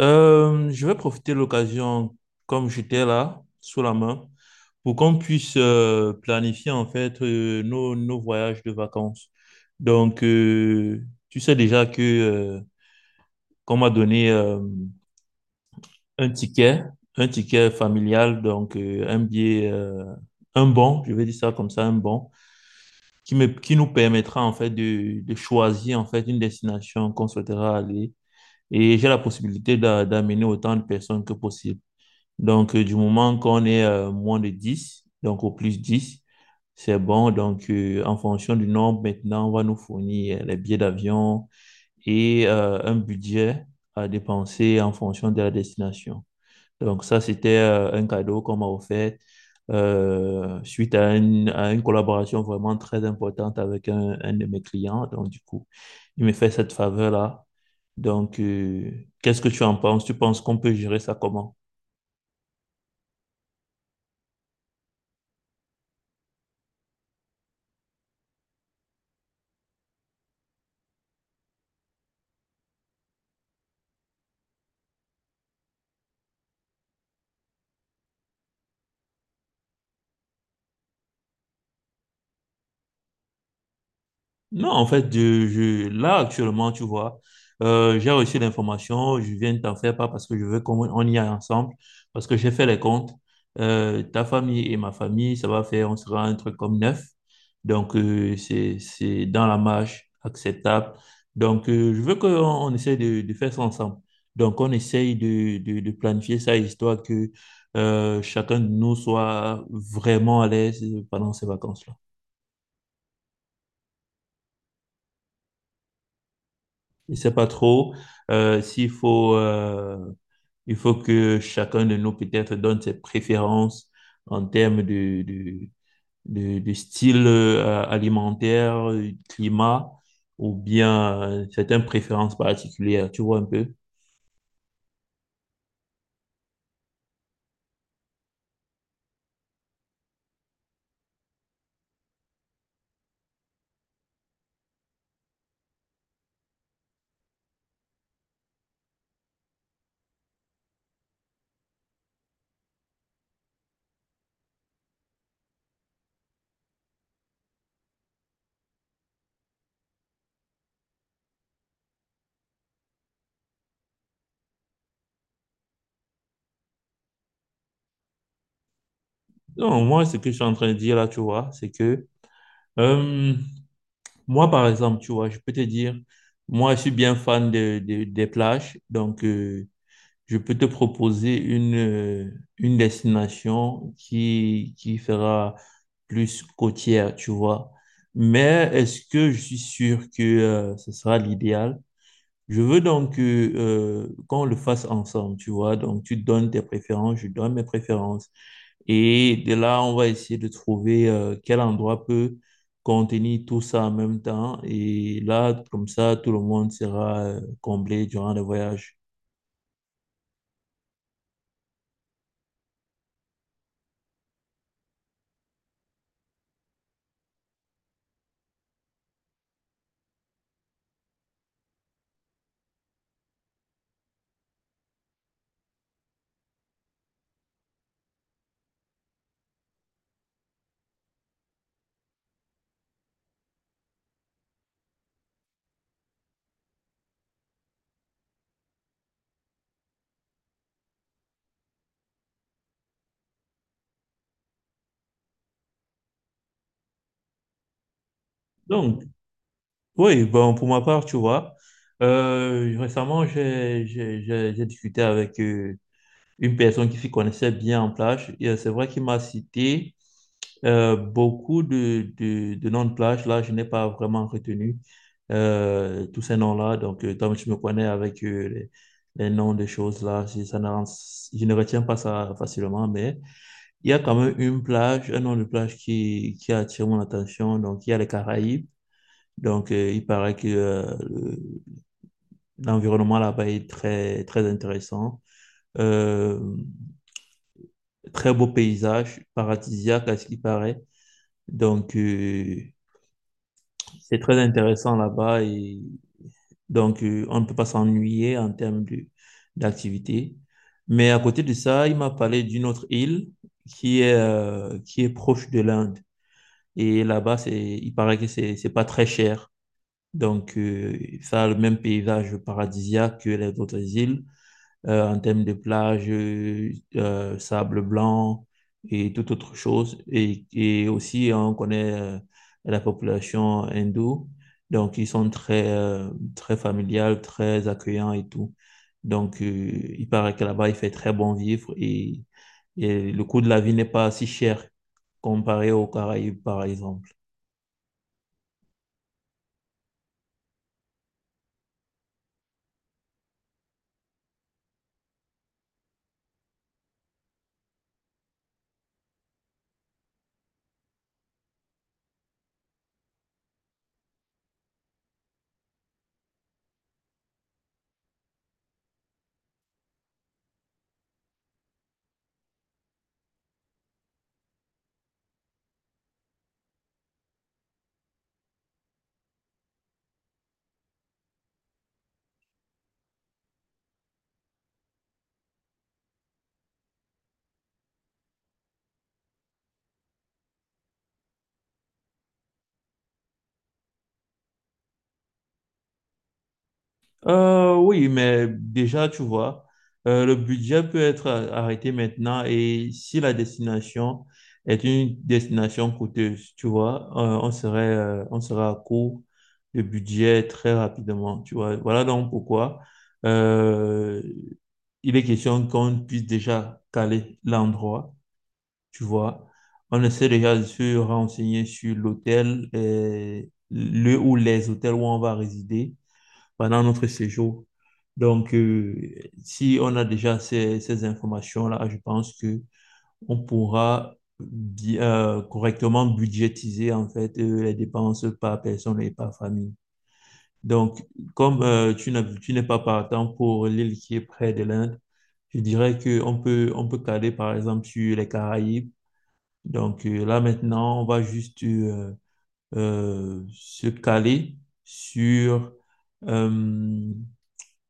Je vais profiter de l'occasion, comme j'étais là, sous la main, pour qu'on puisse planifier en fait nos voyages de vacances. Donc, euh, Tu sais déjà que qu'on m'a donné un ticket, un ticket familial, donc un billet, un bon, je vais dire ça comme ça, un bon, qui nous permettra en fait de choisir en fait une destination qu'on souhaitera aller. Et j'ai la possibilité d'amener autant de personnes que possible. Donc, du moment qu'on est moins de 10, donc au plus 10, c'est bon. Donc, en fonction du nombre, maintenant, on va nous fournir les billets d'avion et un budget à dépenser en fonction de la destination. Donc, ça, c'était un cadeau qu'on m'a offert suite à, à une collaboration vraiment très importante avec un de mes clients. Donc, du coup, il me fait cette faveur-là. Donc, euh, Qu'est-ce que tu en penses? Tu penses qu'on peut gérer ça comment? Non, en fait, là, actuellement, tu vois, j'ai reçu l'information, je viens de t'en faire part parce que je veux qu'on on y aille ensemble, parce que j'ai fait les comptes. Ta famille et ma famille, ça va faire, on sera un truc comme neuf. Donc, c'est dans la marge, acceptable. Donc, je veux qu'on on essaye de faire ça ensemble. Donc, on essaye de planifier ça, histoire que chacun de nous soit vraiment à l'aise pendant ces vacances-là. Il sait pas trop euh, s'il faut, euh, il faut que chacun de nous peut-être donne ses préférences en termes de style alimentaire, climat ou bien certaines préférences particulières, tu vois un peu. Non, moi, ce que je suis en train de dire là, tu vois, c'est que euh, moi, par exemple, tu vois, je peux te dire, moi, je suis bien fan des plages, donc je peux te proposer une destination qui fera plus côtière, tu vois. Mais est-ce que je suis sûr que ce sera l'idéal? Je veux donc qu'on le fasse ensemble, tu vois. Donc, tu donnes tes préférences, je donne mes préférences. Et de là, on va essayer de trouver quel endroit peut contenir tout ça en même temps. Et là, comme ça, tout le monde sera comblé durant le voyage. Donc, Oui, bon, pour ma part, tu vois, récemment, j'ai discuté avec une personne qui s'y connaissait bien en plage. Et c'est vrai qu'il m'a cité beaucoup de noms de plage. Là, je n'ai pas vraiment retenu tous ces noms-là. Donc, comme je me connais avec les noms des choses, là, ça ne, je ne retiens pas ça facilement. Mais il y a quand même une plage, un nom de plage qui attire mon attention. Donc, il y a les Caraïbes. Donc, il paraît que l'environnement là-bas est très, très intéressant. Euh, Très beau paysage, paradisiaque à ce qu'il paraît. Donc, c'est très intéressant là-bas et donc, on ne peut pas s'ennuyer en termes d'activité. Mais à côté de ça, il m'a parlé d'une autre île qui est proche de l'Inde. Et là-bas, il paraît que c'est pas très cher. Donc, ça a le même paysage paradisiaque que les autres îles. En termes de plage, sable blanc et toute autre chose. Et aussi, on connaît la population hindoue. Donc, ils sont très familiales, très accueillants et tout. Donc, il paraît que là-bas, il fait très bon vivre et le coût de la vie n'est pas si cher comparé aux Caraïbes, par exemple. Oui, mais déjà, tu vois, le budget peut être arrêté maintenant et si la destination est une destination coûteuse, tu vois, on serait à court de budget très rapidement, tu vois. Voilà donc pourquoi euh, il est question qu'on puisse déjà caler l'endroit, tu vois. On essaie déjà de se renseigner sur l'hôtel, et le ou les hôtels où on va résider pendant notre séjour. Donc, si on a déjà ces informations-là, je pense que on pourra correctement budgétiser en fait les dépenses par personne et par famille. Donc, comme tu n'es pas partant pour l'île qui est près de l'Inde, je dirais que on peut caler par exemple sur les Caraïbes. Donc là maintenant, on va juste se caler sur euh,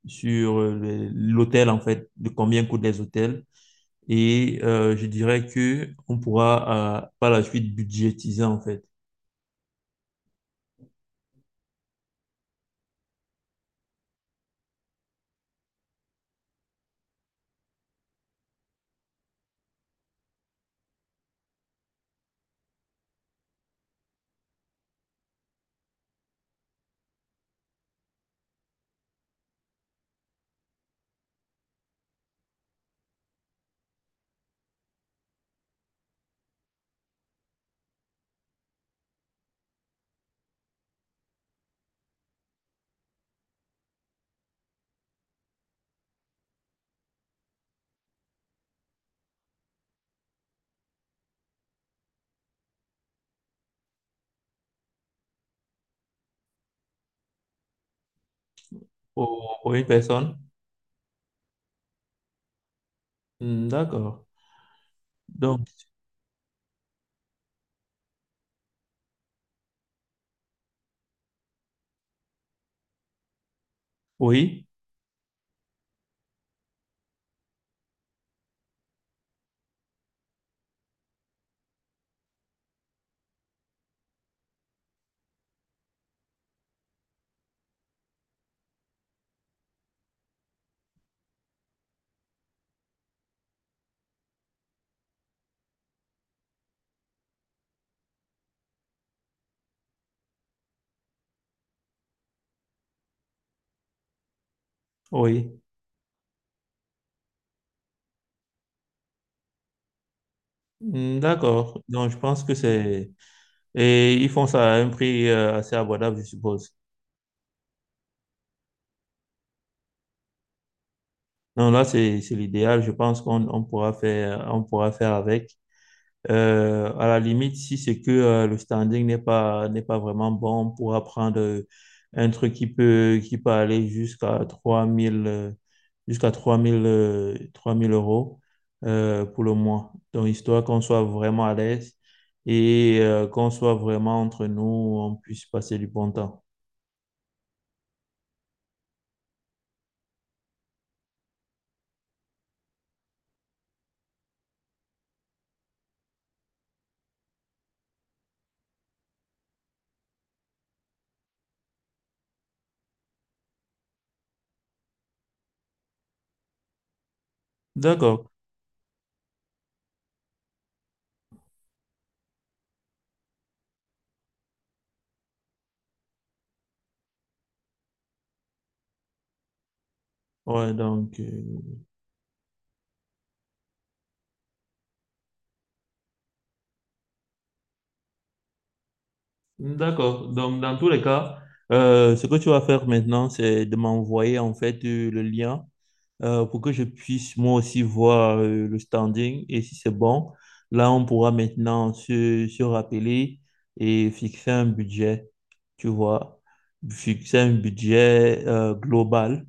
sur l'hôtel, en fait, de combien coûtent les hôtels. Et je dirais que on pourra par la suite budgétiser, en fait, pour une personne. Hmm, d'accord. Donc, oui, oui. Hmm, d'accord. Donc, je pense que c'est... Et ils font ça à un prix assez abordable, je suppose. Non, là, c'est l'idéal. Je pense qu'on on pourra faire avec. À la limite, si c'est que le standing n'est pas vraiment bon, on pourra prendre un truc qui peut aller jusqu'à 3000, jusqu'à 3000 3000 euros pour le mois. Donc, histoire qu'on soit vraiment à l'aise et qu'on soit vraiment entre nous, on puisse passer du bon temps. D'accord. Ouais, donc, euh, d'accord. Donc, dans tous les cas, ce que tu vas faire maintenant, c'est de m'envoyer en fait le lien pour que je puisse moi aussi voir le standing. Et si c'est bon, là, on pourra maintenant se rappeler et fixer un budget, tu vois, fixer un budget global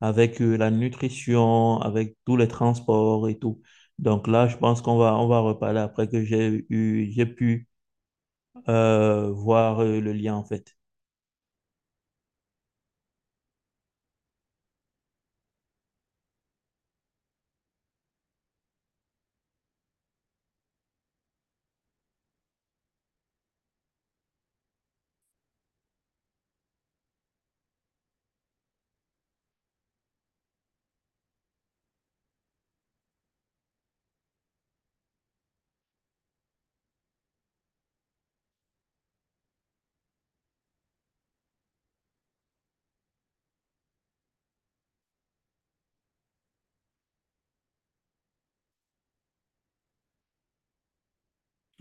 avec la nutrition, avec tous les transports et tout. Donc là, je pense qu'on va, on va reparler après que j'ai pu voir le lien en fait.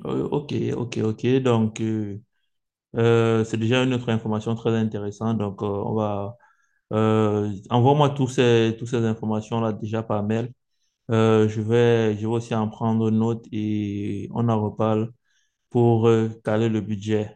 Ok, ok, ok. Donc, c'est déjà une autre information très intéressante. Envoie-moi toutes ces informations-là déjà par mail. Je vais aussi en prendre note et on en reparle pour caler le budget.